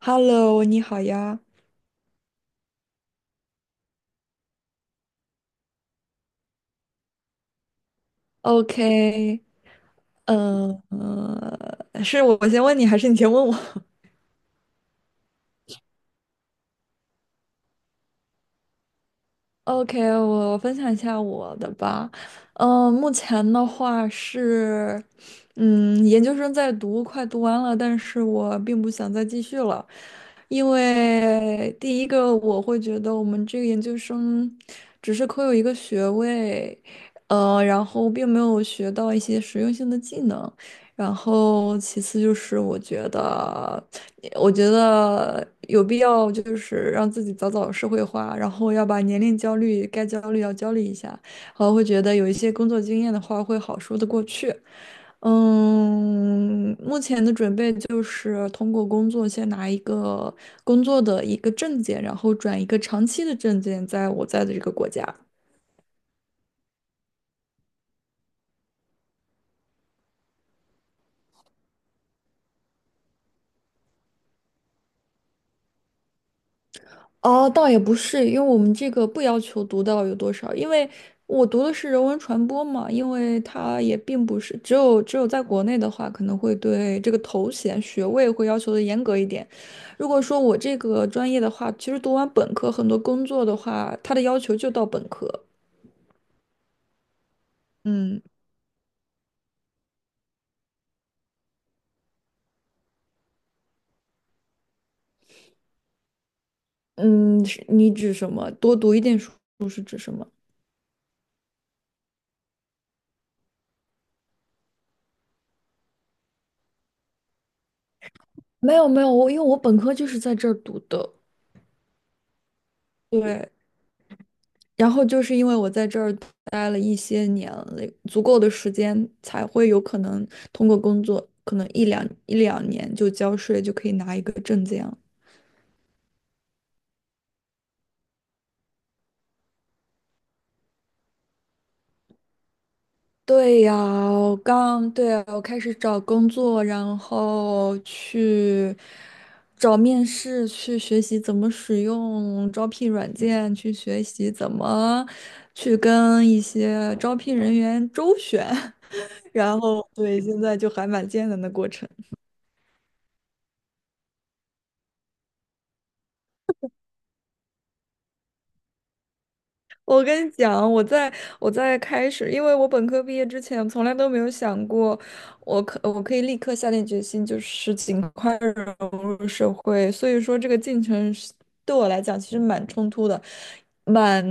Hello，你好呀。OK，嗯。是我先问你，还是你先问我？OK，我分享一下我的吧。嗯、目前的话是，嗯，研究生在读，快读完了，但是我并不想再继续了。因为第一个我会觉得我们这个研究生只是可有一个学位，然后并没有学到一些实用性的技能。然后其次就是我觉得。我觉得有必要就是让自己早早社会化，然后要把年龄焦虑该焦虑要焦虑一下，然后会觉得有一些工作经验的话会好说得过去。嗯，目前的准备就是通过工作先拿一个工作的一个证件，然后转一个长期的证件，在我在的这个国家。哦，倒也不是，因为我们这个不要求读到有多少。因为我读的是人文传播嘛，因为它也并不是只有在国内的话，可能会对这个头衔学位会要求的严格一点。如果说我这个专业的话，其实读完本科，很多工作的话，它的要求就到本科。嗯嗯，是你指什么？多读一点书是指什么？没有没有，我因为我本科就是在这儿读的。对，然后就是因为我在这儿待了一些年了，足够的时间才会有可能通过工作，可能一两年就交税，就可以拿一个证件了。对呀，我刚，对啊，我开始找工作，然后去找面试，去学习怎么使用招聘软件，去学习怎么去跟一些招聘人员周旋。然后对，现在就还蛮艰难的过程。我跟你讲，我在开始，因为我本科毕业之前，从来都没有想过，我可以立刻下定决心，就是尽快融入社会。所以说，这个进程是对我来讲其实蛮冲突的，蛮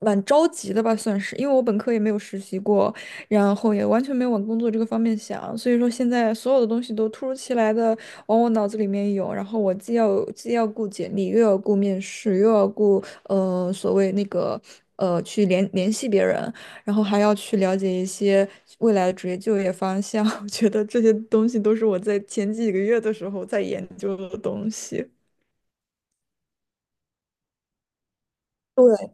蛮着急的吧，算是。因为我本科也没有实习过，然后也完全没有往工作这个方面想，所以说现在所有的东西都突如其来的往我脑子里面涌，然后我既要顾简历，又要顾面试，又要顾。所谓那个去联系别人，然后还要去了解一些未来的职业就业方向。我觉得这些东西都是我在前几个月的时候在研究的东西。对，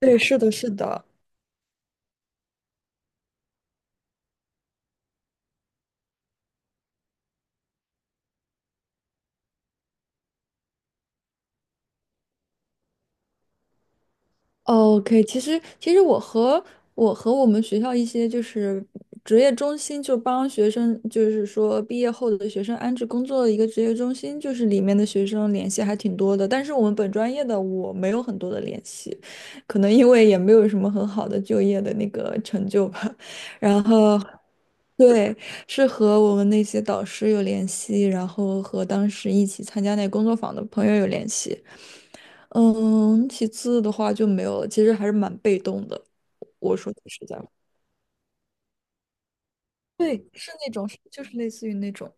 对，是的，是的。哦 OK，其实我和我们学校一些就是职业中心，就帮学生，就是说毕业后的学生安置工作的一个职业中心，就是里面的学生联系还挺多的。但是我们本专业的我没有很多的联系，可能因为也没有什么很好的就业的那个成就吧。然后对，是和我们那些导师有联系，然后和当时一起参加那个工作坊的朋友有联系。嗯，其次的话就没有了，其实还是蛮被动的。我说句实在话。对，是那种，就是类似于那种。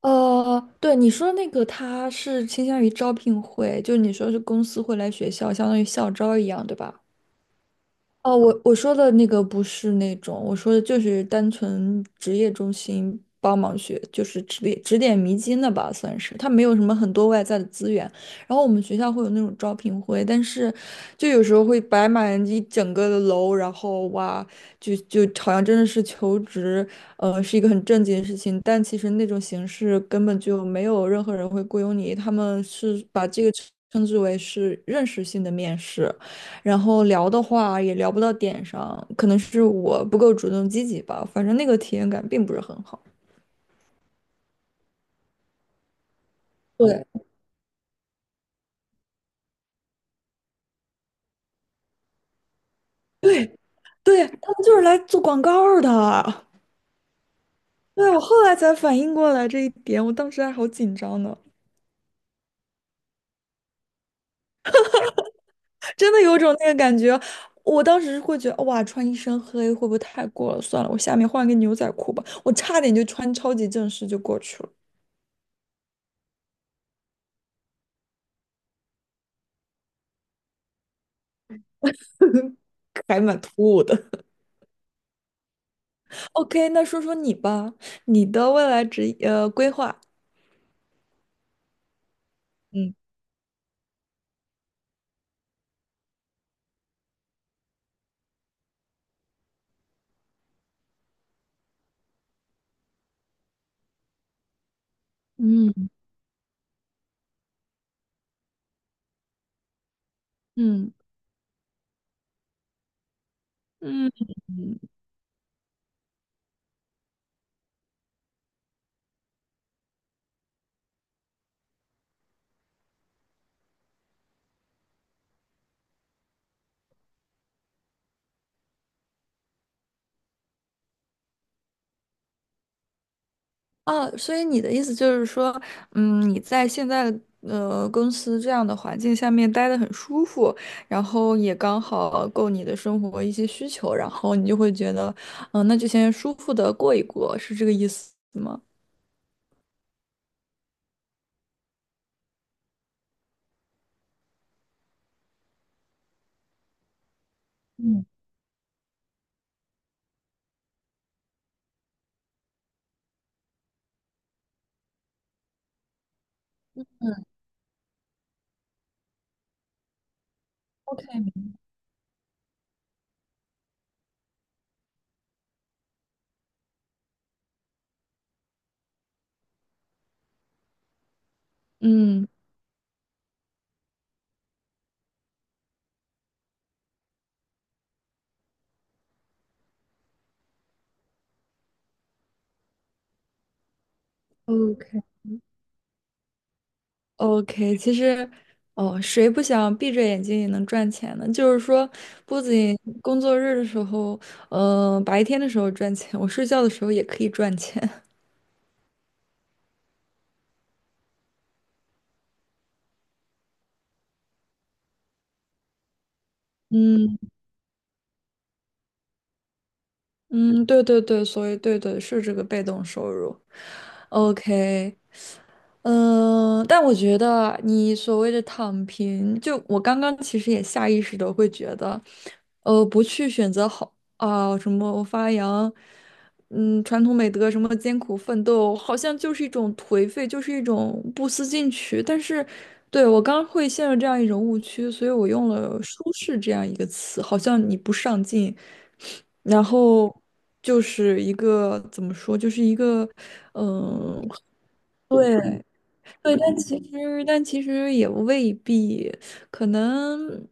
对你说那个，他是倾向于招聘会，就你说是公司会来学校，相当于校招一样，对吧？哦，我说的那个不是那种，我说的就是单纯职业中心帮忙学，就是指点迷津的吧，算是。它没有什么很多外在的资源，然后我们学校会有那种招聘会，但是就有时候会摆满一整个的楼，然后哇，就好像真的是求职，是一个很正经的事情，但其实那种形式根本就没有任何人会雇佣你，他们是把这个称之为是认识性的面试。然后聊的话也聊不到点上，可能是我不够主动积极吧，反正那个体验感并不是很好。对，对，他们就是来做广告儿的。对，我后来才反应过来这一点，我当时还好紧张呢，真的有一种那个感觉。我当时会觉得，哇，穿一身黑会不会太过了？算了，我下面换个牛仔裤吧。我差点就穿超级正式就过去了，还蛮突兀的。OK，那说说你吧，你的未来职业规划。嗯嗯嗯。嗯。哦，所以你的意思就是说，嗯，你在现在公司这样的环境下面待得很舒服，然后也刚好够你的生活一些需求，然后你就会觉得，嗯、那就先舒服的过一过，是这个意思吗？嗯 OK，，OK，其实，哦，谁不想闭着眼睛也能赚钱呢？就是说，不仅工作日的时候，白天的时候赚钱，我睡觉的时候也可以赚钱。嗯。嗯，对对对，所以对对是这个被动收入。OK，嗯、但我觉得你所谓的躺平，就我刚刚其实也下意识的会觉得，不去选择好啊、什么发扬，嗯，传统美德，什么艰苦奋斗，好像就是一种颓废，就是一种不思进取。但是，对，我刚会陷入这样一种误区，所以我用了“舒适”这样一个词，好像你不上进。然后就是一个怎么说，就是一个呃对。对，但其实但其实也未必。可能，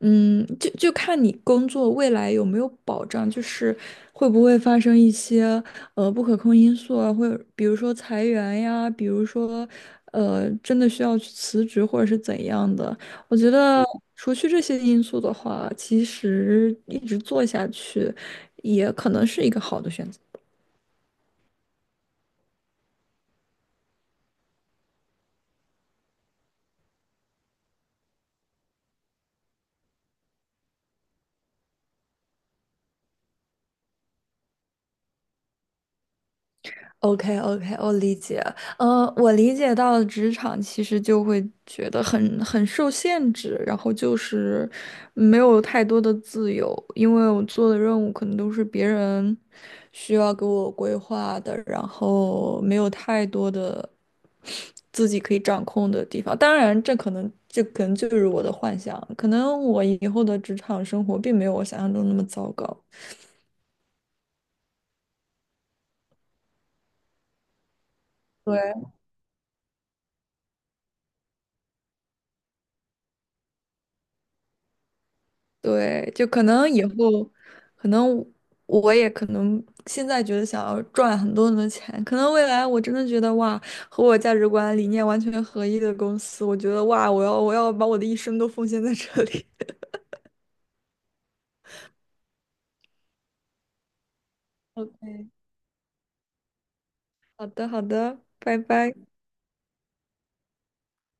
嗯，就就看你工作未来有没有保障，就是会不会发生一些不可控因素啊，或者比如说裁员呀，比如说真的需要去辞职或者是怎样的。我觉得除去这些因素的话，其实一直做下去也可能是一个好的选择。OK OK，我理解。我理解到职场其实就会觉得很受限制，然后就是没有太多的自由，因为我做的任务可能都是别人需要给我规划的，然后没有太多的自己可以掌控的地方。当然，这可能就是我的幻想，可能我以后的职场生活并没有我想象中那么糟糕。对。对，就可能以后，可能我也可能现在觉得想要赚很多很多钱，可能未来我真的觉得哇，和我价值观理念完全合一的公司，我觉得哇，我要把我的一生都奉献在这里。OK，好的好的，拜拜。